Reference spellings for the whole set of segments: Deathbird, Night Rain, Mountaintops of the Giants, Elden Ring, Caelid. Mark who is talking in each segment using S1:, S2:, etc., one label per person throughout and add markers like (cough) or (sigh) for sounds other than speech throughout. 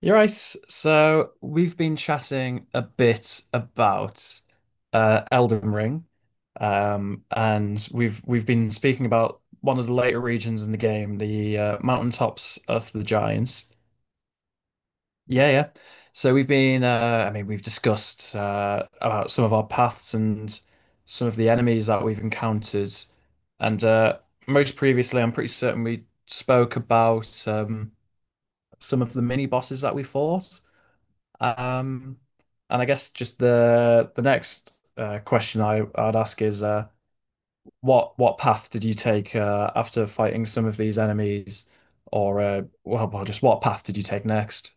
S1: You're right. So we've been chatting a bit about Elden Ring, and we've been speaking about one of the later regions in the game, the mountaintops of the Giants. Yeah, yeah. So we've been, we've discussed about some of our paths and some of the enemies that we've encountered, and most previously, I'm pretty certain we spoke about some of the mini bosses that we fought. Um, and I guess just the next question I'd ask is what path did you take after fighting some of these enemies, or just what path did you take next?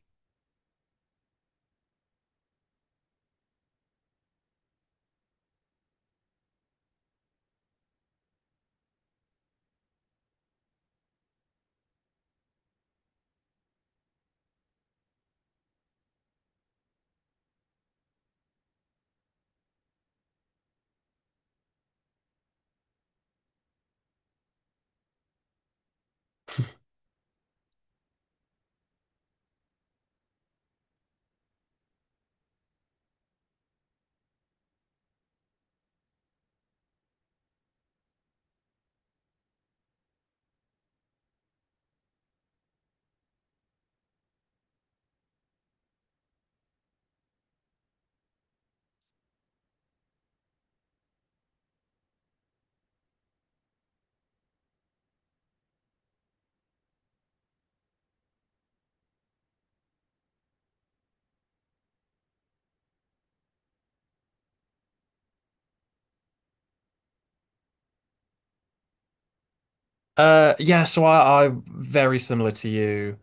S1: Yeah, so I very similar to you,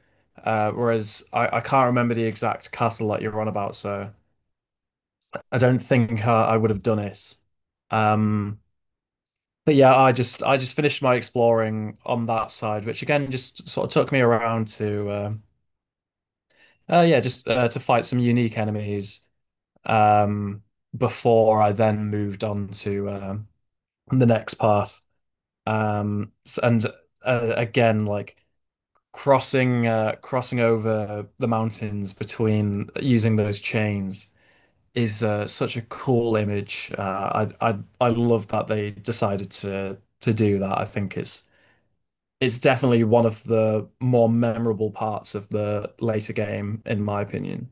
S1: whereas I can't remember the exact castle that you're on about, so I don't think I would have done it. Um, but yeah, I just finished my exploring on that side, which again just sort of took me around to. Yeah, just to fight some unique enemies um, before I then moved on to the next part. S- and Again, like crossing crossing over the mountains between using those chains is such a cool image. I love that they decided to do that. I think it's definitely one of the more memorable parts of the later game, in my opinion.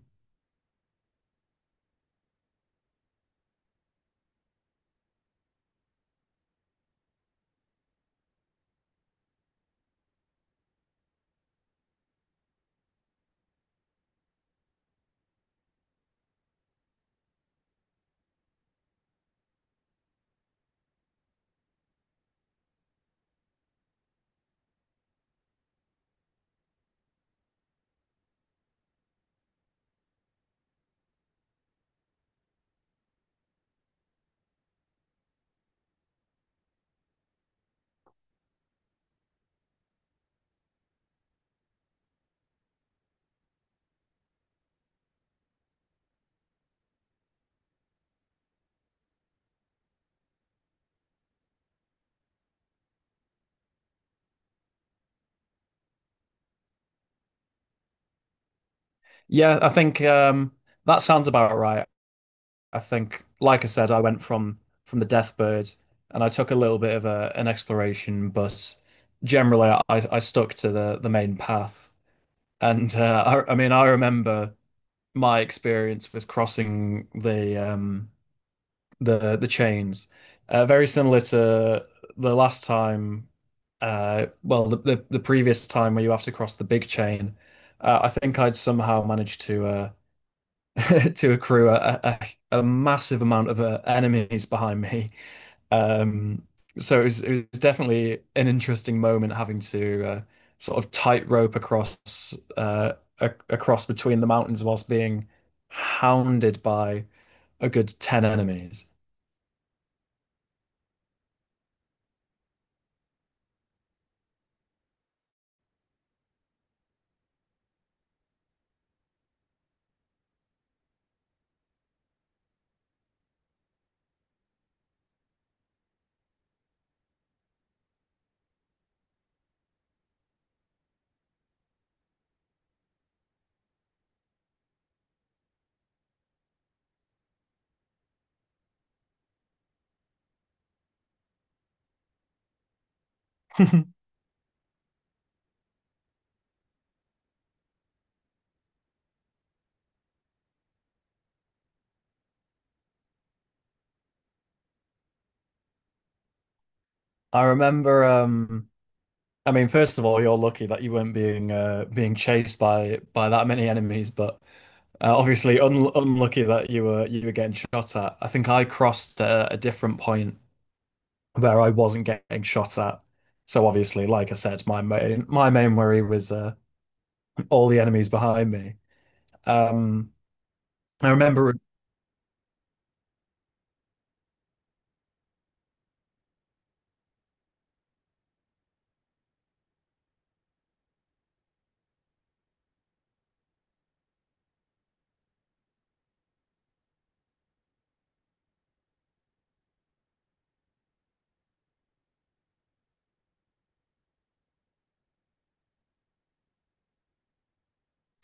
S1: Yeah, I think that sounds about right. I think, like I said, I went from the Deathbird, and I took a little bit of a an exploration, but generally, I stuck to the main path. And I remember my experience with crossing the the chains, very similar to the last time, well, the previous time where you have to cross the big chain. I think I'd somehow managed to. (laughs) To accrue a massive amount of enemies behind me. Um, so it was definitely an interesting moment having to sort of tightrope across across between the mountains whilst being hounded by a good 10 enemies. (laughs) I remember first of all, you're lucky that you weren't being being chased by that many enemies, but obviously un unlucky that you were getting shot at. I think I crossed a different point where I wasn't getting shot at. So obviously, like I said, my main worry was (clears throat) all the enemies behind me. Um, I remember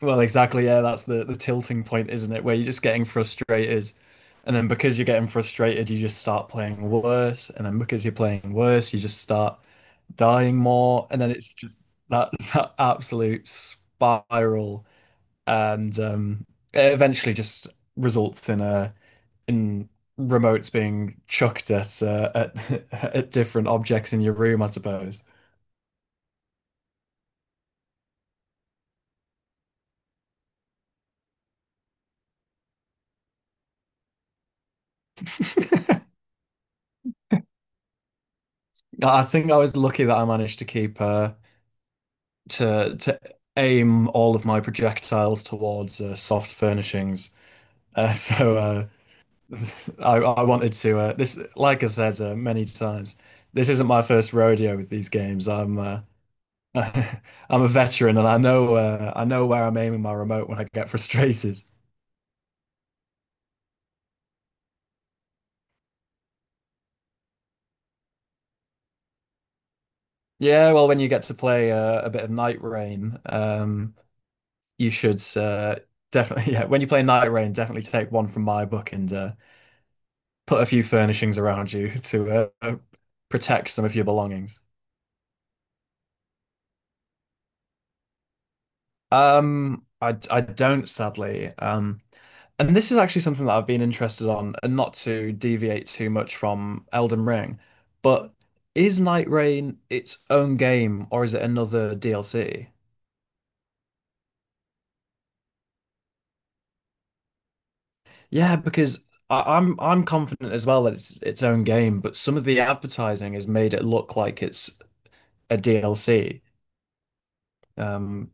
S1: well exactly, yeah, that's the tilting point, isn't it? Where you're just getting frustrated. And then because you're getting frustrated, you just start playing worse. And then because you're playing worse, you just start dying more, and then it's just that (laughs) that absolute spiral, and it eventually just results in a in remotes being chucked at (laughs) at different objects in your room, I suppose. I think I was lucky that I managed to keep to aim all of my projectiles towards soft furnishings. (laughs) So (laughs) I wanted to this like I said many times this isn't my first rodeo with these games I'm (laughs) I'm a veteran and I know where I'm aiming my remote when I get (laughs) frustrated yeah well when you get to play a bit of Night Rain you should definitely (laughs) yeah when you play Night Rain definitely take one from my book and put a few furnishings around you (laughs) to protect some of your belongings I don't sadly. And this is actually something that I've been interested on, and not to deviate too much from Elden Ring, but is Night Rain its own game or is it another DLC? Yeah, because I'm confident as well that it's its own game, but some of the advertising has made it look like it's a DLC. Um,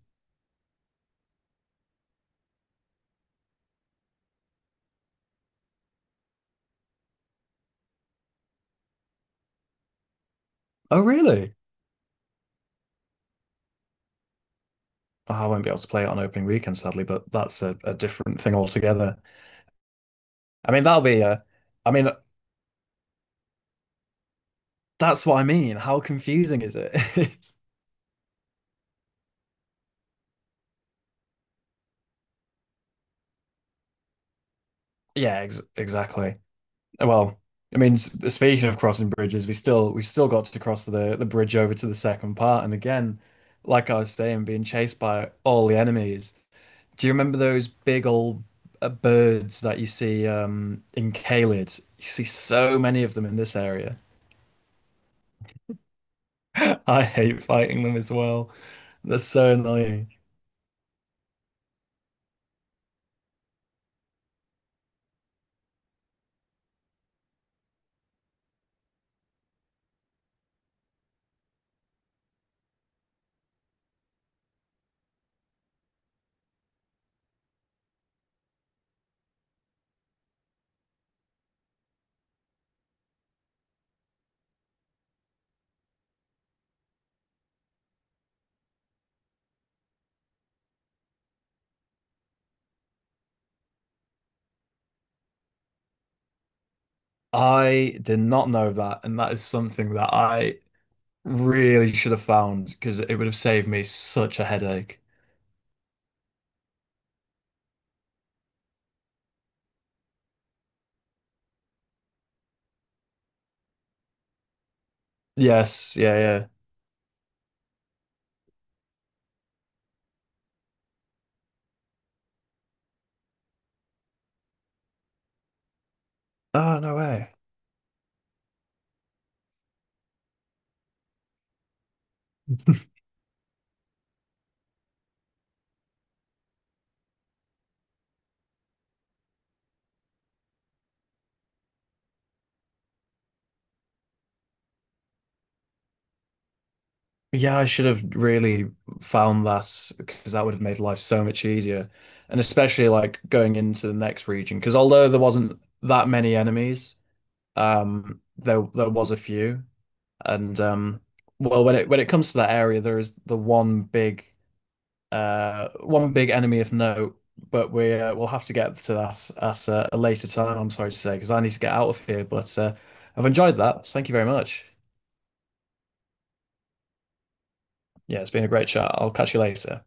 S1: oh really? Oh, I won't be able to play it on opening weekend, sadly, but that's a different thing altogether. I mean, that'll be a I mean, that's what I mean. How confusing is it? (laughs) It's- yeah, ex exactly. Well, I mean, speaking of crossing bridges, we've still got to cross the bridge over to the second part, and again, like I was saying, being chased by all the enemies. Do you remember those big old birds that you see in Caelid? You see so many of them in this area. (laughs) I hate fighting them as well. They're so annoying. I did not know that, and that is something that I really should have found because it would have saved me such a headache. Yes, yeah, yeah. Oh, no way. (laughs) Yeah, I should have really found that because that would have made life so much easier. And especially like going into the next region because although there wasn't that many enemies, there was a few. And well when it comes to that area there is the one big enemy of note, but we we'll have to get to that at a later time. I'm sorry to say, because I need to get out of here. But I've enjoyed that. Thank you very much. Yeah, it's been a great chat. I'll catch you later.